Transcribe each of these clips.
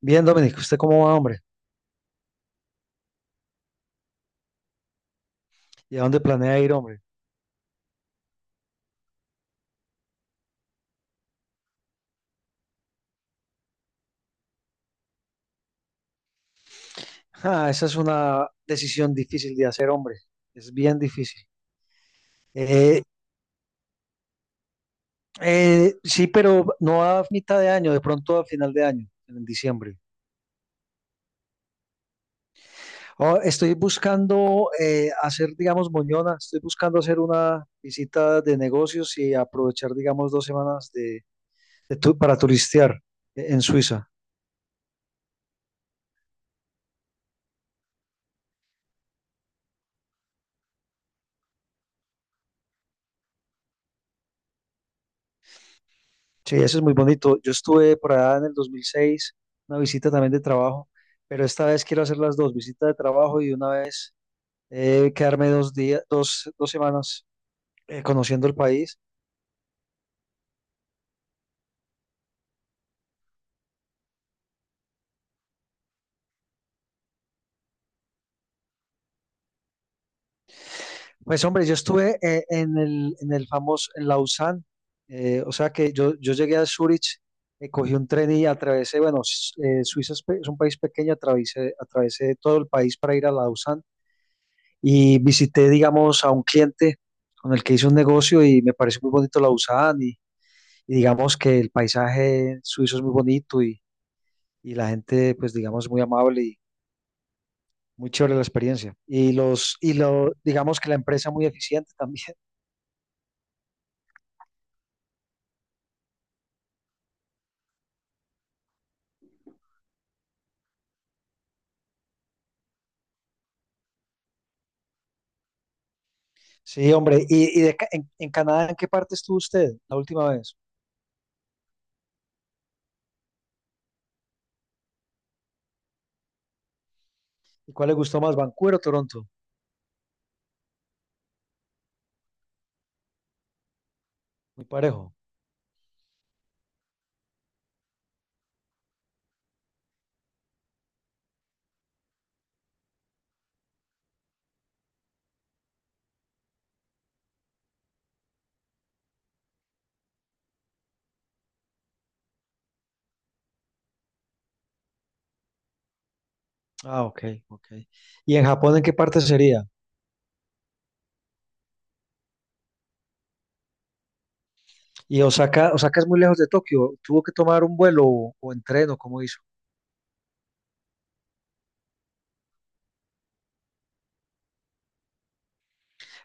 Bien, Dominic, ¿usted cómo va, hombre? ¿Y a dónde planea ir, hombre? Ah, esa es una decisión difícil de hacer, hombre. Es bien difícil. Eh, sí, pero no a mitad de año, de pronto a final de año, en diciembre. Oh, estoy buscando hacer, digamos, moñona. Estoy buscando hacer una visita de negocios y aprovechar, digamos, dos semanas para turistear en Suiza. Sí, eso es muy bonito. Yo estuve por allá en el 2006, una visita también de trabajo, pero esta vez quiero hacer las dos, visita de trabajo y una vez quedarme dos días, dos semanas conociendo el país. Pues hombre, yo estuve en el famoso, en Lausanne, o sea que yo llegué a Zurich, cogí un tren y atravesé, bueno, Suiza es, es un país pequeño, atravesé todo el país para ir a Lausanne. Y visité, digamos, a un cliente con el que hice un negocio y me pareció muy bonito la Lausanne y digamos que el paisaje suizo es muy bonito y la gente, pues digamos, muy amable y muy chévere la experiencia. Y digamos que la empresa muy eficiente también. Sí, hombre. ¿Y en Canadá, ¿en qué parte estuvo usted la última vez? ¿Y cuál le gustó más, Vancouver o Toronto? Muy parejo. Ah, ok, ok. ¿Y en Japón, en qué parte sería? Y Osaka, Osaka es muy lejos de Tokio. ¿Tuvo que tomar un vuelo o en tren o cómo hizo?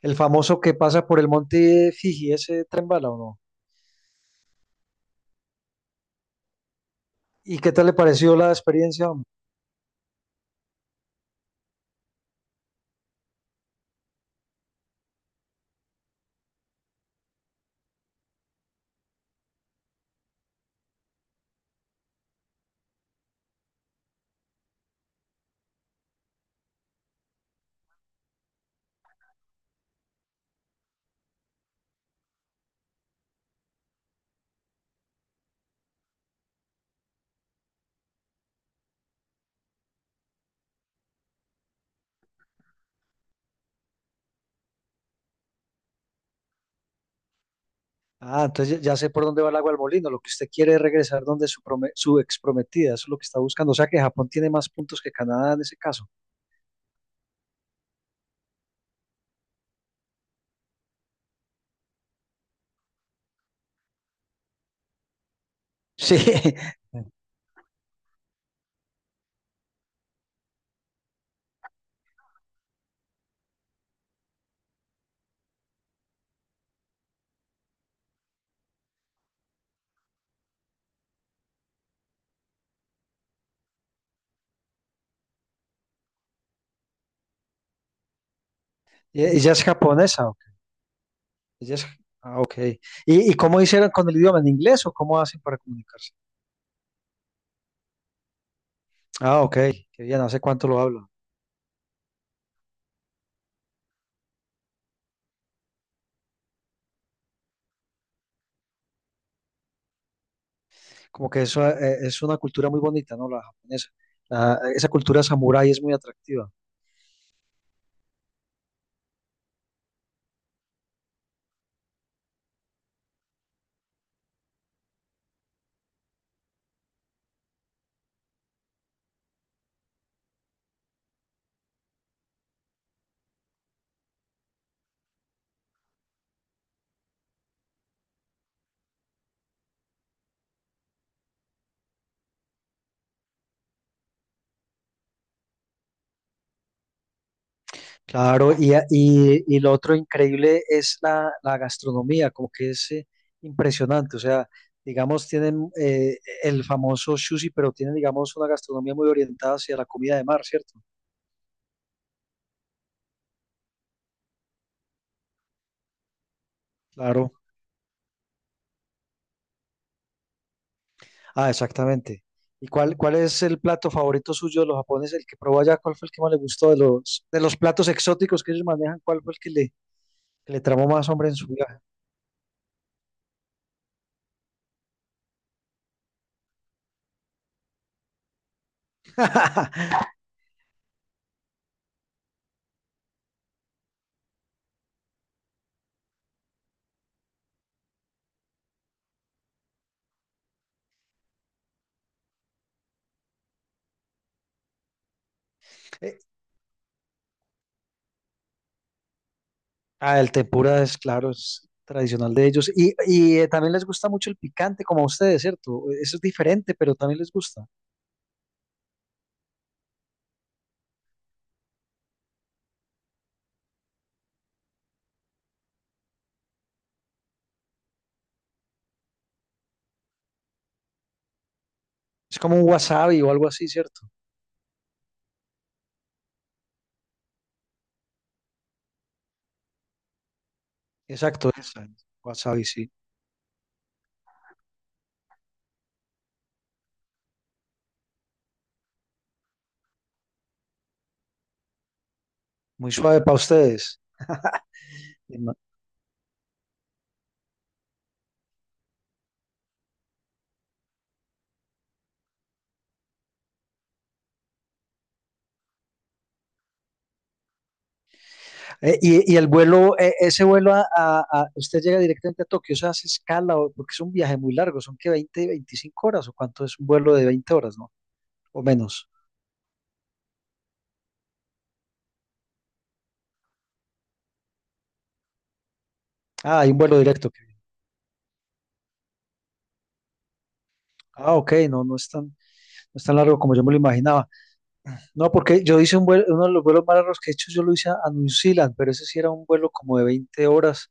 El famoso que pasa por el monte Fiji, ese tren bala o no. ¿Y qué tal le pareció la experiencia, hombre? Ah, entonces ya sé por dónde va el agua al molino. Lo que usted quiere es regresar donde su, su ex prometida, eso es lo que está buscando. O sea que Japón tiene más puntos que Canadá en ese caso. Sí. ¿Ella es japonesa? Ok. Ella es... Ah, ok. Y cómo hicieron con el idioma? ¿En inglés o cómo hacen para comunicarse? Ah, ok, qué bien, ¿hace cuánto lo hablan? Como que eso es una cultura muy bonita, ¿no? La japonesa. Esa cultura samurái es muy atractiva. Claro, y, y lo otro increíble es la gastronomía, como que es impresionante. O sea, digamos, tienen el famoso sushi, pero tienen, digamos, una gastronomía muy orientada hacia la comida de mar, ¿cierto? Claro. Ah, exactamente. ¿Y cuál es el plato favorito suyo de los japoneses? El que probó allá, ¿cuál fue el que más le gustó de de los platos exóticos que ellos manejan? ¿Cuál fue el que le, ¿Que le tramó más, hombre, en su vida? Ah, el tempura es, claro, es tradicional de ellos. Y, también les gusta mucho el picante, como a ustedes, ¿cierto? Eso es diferente, pero también les gusta. ¿Es como un wasabi o algo así, ¿cierto? Exacto, esa es, wasabi, sí. Muy suave para ustedes. Y, y el vuelo, ese vuelo, usted llega directamente a Tokio, o sea, ¿hace escala? O- porque es un viaje muy largo, son que 20, 25 horas, ¿o cuánto es un vuelo de 20 horas, ¿no? O menos. Ah, hay un vuelo directo. Qué bien. Ah, ok, no, no es tan, no es tan largo como yo me lo imaginaba. No, porque yo hice un vuelo, uno de los vuelos más largos que he hecho, yo lo hice a New Zealand, pero ese sí era un vuelo como de 20 horas,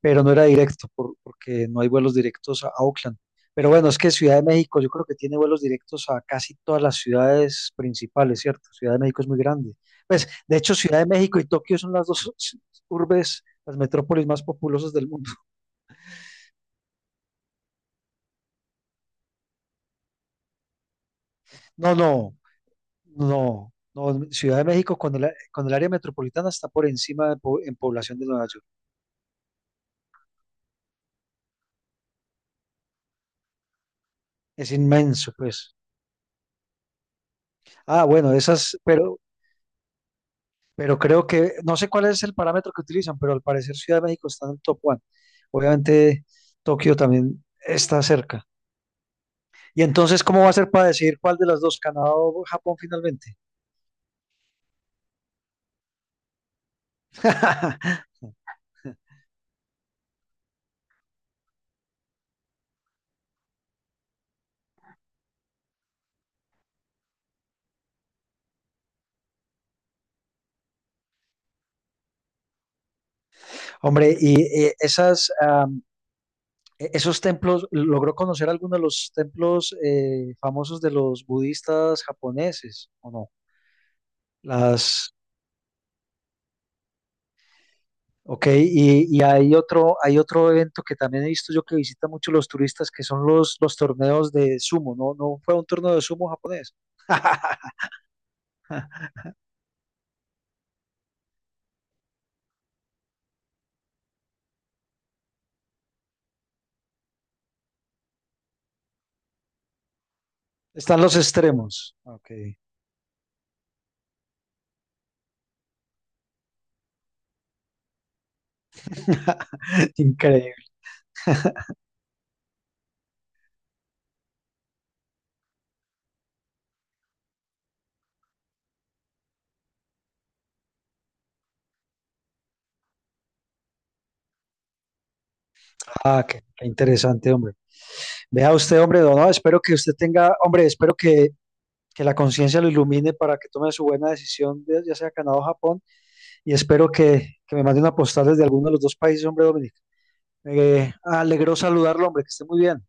pero no era directo, porque no hay vuelos directos a Auckland. Pero bueno, es que Ciudad de México yo creo que tiene vuelos directos a casi todas las ciudades principales, ¿cierto? Ciudad de México es muy grande. Pues, de hecho, Ciudad de México y Tokio son las dos urbes, las metrópolis más populosas del mundo. No, no, no, no. Ciudad de México con con el área metropolitana está por encima de en población de Nueva York. Es inmenso, pues. Ah, bueno, esas, pero creo que, no sé cuál es el parámetro que utilizan, pero al parecer Ciudad de México está en el top one. Obviamente Tokio también está cerca. Y entonces, ¿cómo va a ser para decidir cuál de las dos, Canadá o Japón finalmente? Hombre, y esos templos, ¿logró conocer alguno de los templos famosos de los budistas japoneses o no? Las... Ok, y hay otro evento que también he visto yo que visitan mucho los turistas, que son los torneos de sumo, ¿no? ¿No fue un torneo de sumo japonés? Están los extremos. Ok. Increíble. Ah, qué, qué interesante, hombre. Vea usted, hombre, don, no, espero que usted tenga, hombre, espero que la conciencia lo ilumine para que tome su buena decisión, ya sea Canadá o Japón, y espero que me mande una postal desde alguno de los dos países, hombre, Dominic. Me alegró saludarlo, hombre, que esté muy bien.